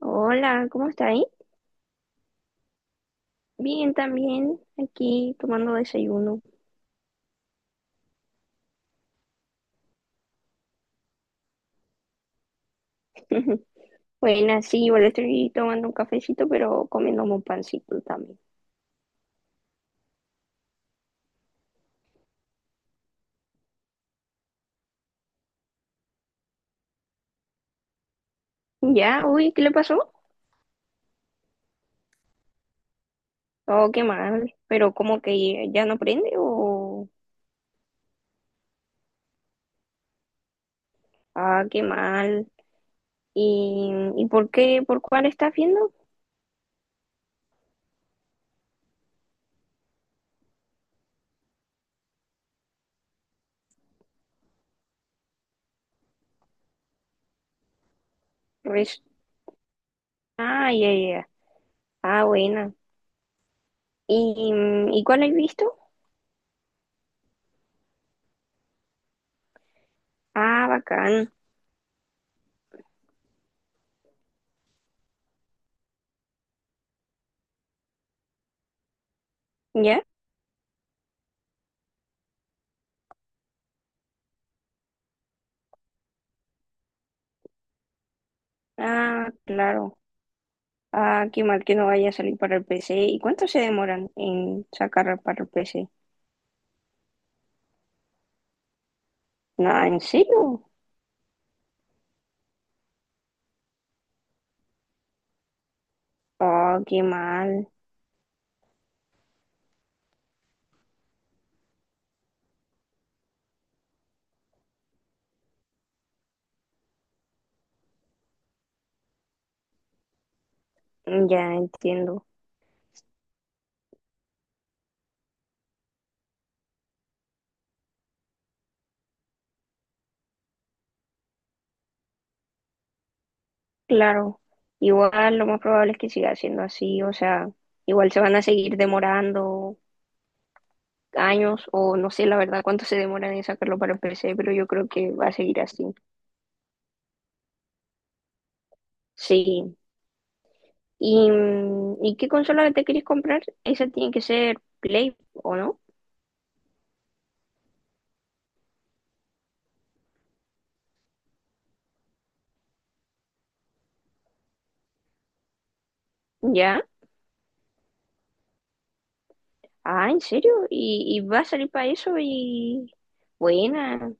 Hola, ¿cómo está ahí? Bien, también aquí tomando desayuno. Bueno, sí, igual estoy tomando un cafecito, pero comiendo un pancito también. Ya, uy, ¿qué le pasó? Oh, qué mal. Pero como que ya no prende o... Ah, qué mal. ¿Y, y por qué? ¿Por cuál estás viendo? Res- Ah, ya, ya. Ya. Ah, buena. ¿Y, ¿y cuál has visto? Ah, bacán. ¿Ya? Ah, claro. Ah, qué mal que no vaya a salir para el PC. ¿Y cuánto se demoran en sacar para el PC? Nada, ¿en serio? Oh, qué mal. Mm, ya entiendo. Claro. Igual lo más probable es que siga siendo así. O sea, igual se van a seguir demorando años o no sé la verdad cuánto se demoran en sacarlo para el PC, pero yo creo que va a seguir así. Sí. ¿Y qué consola te quieres comprar? Esa tiene que ser Play, ¿o no? Ya. Ah, ¿en serio? ¿Y va a salir para eso? Y buena,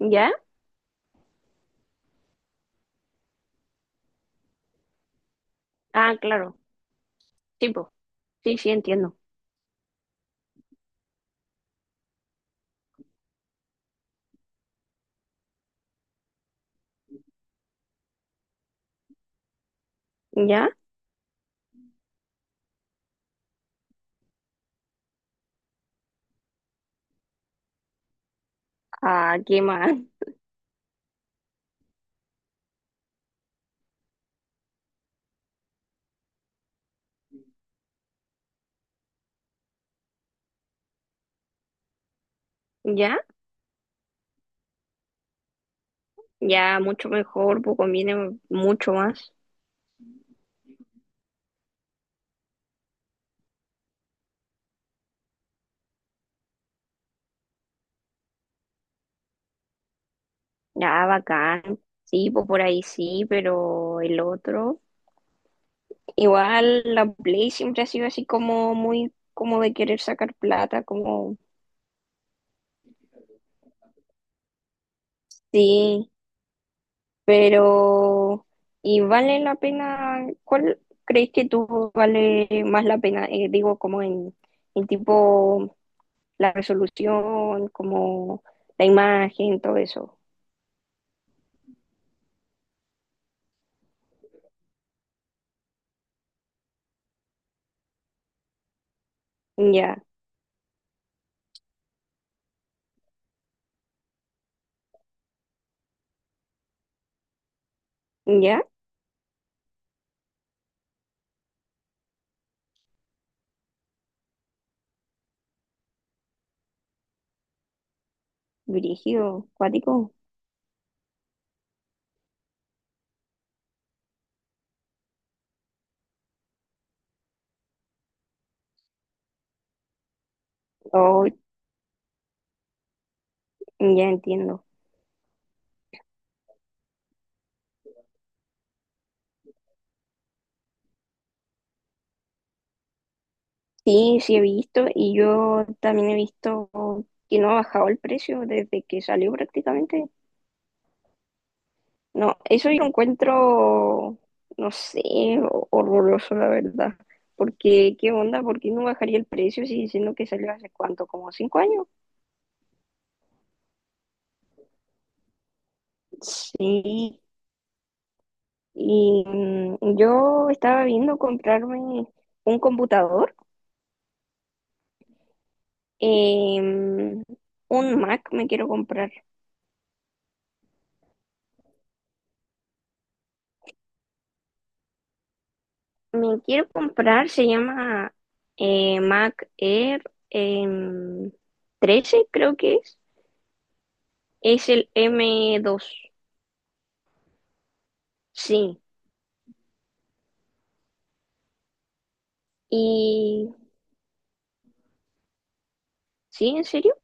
¿ya? Ah, claro, sí, po. Sí, sí, entiendo. ¿Ya? Ah, ¿qué más? ¿Ya? Ya, mucho mejor, pues conviene mucho más. Ya, bacán. Sí, pues por ahí sí, pero el otro. Igual la Play siempre ha sido así como muy, como de querer sacar plata, como, sí. Pero, ¿y vale la pena? ¿Cuál crees que tú vale más la pena? Digo, como en tipo la resolución, como la imagen, todo eso. Ya, ya, dirigido, cuático. Oh, ya entiendo. Sí, sí he visto y yo también he visto que no ha bajado el precio desde que salió prácticamente. No, eso yo lo encuentro, no sé, horroroso, la verdad. Porque, ¿qué onda? ¿Por qué no bajaría el precio si diciendo que salió hace cuánto? ¿Como 5 años? Sí. Y yo estaba viendo comprarme un computador, em, un Mac me quiero comprar. Me quiero comprar, se llama Mac Air em, 13, creo que es. Es el M2. Sí, y sí, ¿en serio?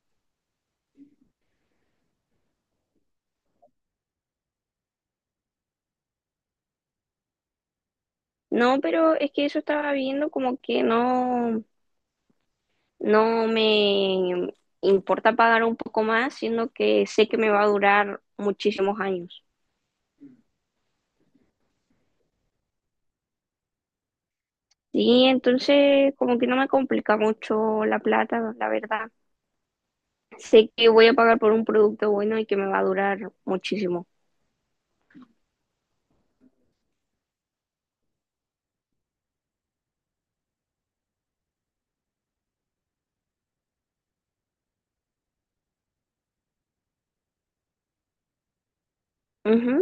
No, pero es que eso estaba viendo como que no, no me importa pagar un poco más, siendo que sé que me va a durar muchísimos años. Sí, entonces como que no me complica mucho la plata, la verdad. Sé que voy a pagar por un producto bueno y que me va a durar muchísimo. Ujú,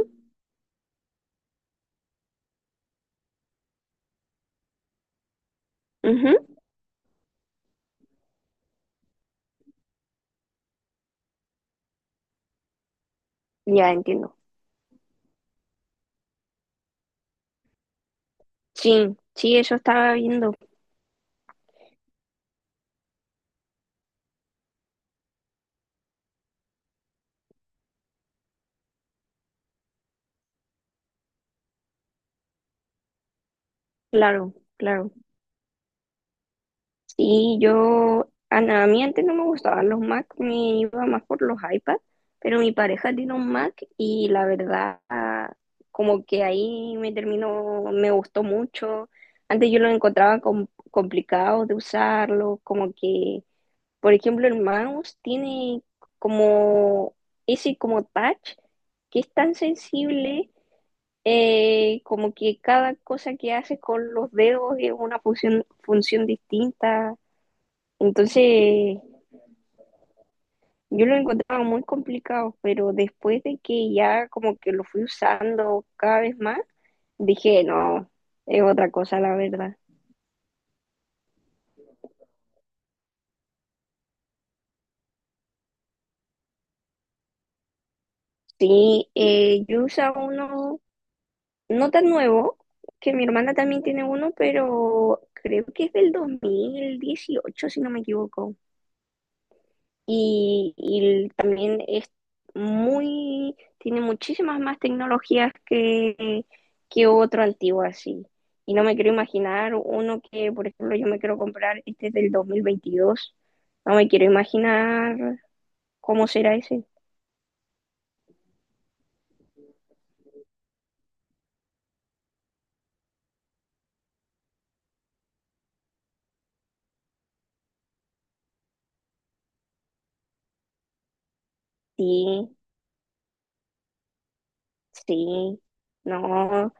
ujú, ya entiendo. Sí, sí, eso estaba viendo, claro, claro. Sí, yo, a mí antes no me gustaban los Mac, me iba más por los iPad, pero mi pareja tiene un Mac y la verdad, como que ahí me terminó, me gustó mucho. Antes yo lo encontraba complicado de usarlo, como que, por ejemplo, el mouse tiene como ese como touch que es tan sensible, como que cada cosa que haces con los dedos es una función distinta. Entonces, yo lo encontraba muy complicado, pero después de que ya como que lo fui usando cada vez más, dije, no, es otra cosa la verdad. Sí, yo usaba uno no tan nuevo, que mi hermana también tiene uno, pero creo que es del 2018 si no me equivoco. Y también es muy, tiene muchísimas más tecnologías que otro antiguo así. Y no me quiero imaginar uno que, por ejemplo, yo me quiero comprar, este es del 2022, no me quiero imaginar cómo será ese. Sí, sí, no.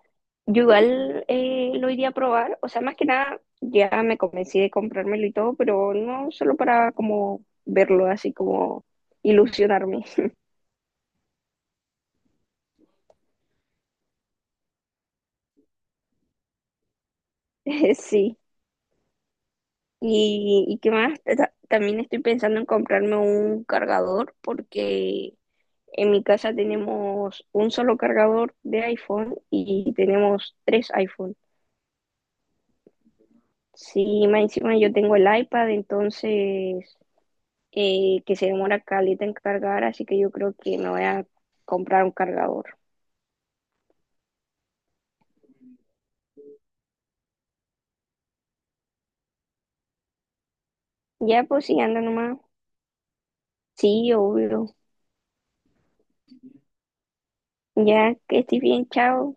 Yo igual lo iría a probar, o sea, más que nada ya me convencí de comprármelo y todo, pero no solo para como verlo así como ilusionarme. Sí, y qué más, también estoy pensando en comprarme un cargador porque en mi casa tenemos un solo cargador de iPhone y tenemos tres iPhone. Sí, más encima yo tengo el iPad, entonces que se demora caleta en cargar, así que yo creo que me voy a comprar un cargador. Ya pues sí, anda nomás. Sí, obvio. Ya que estoy bien, chao.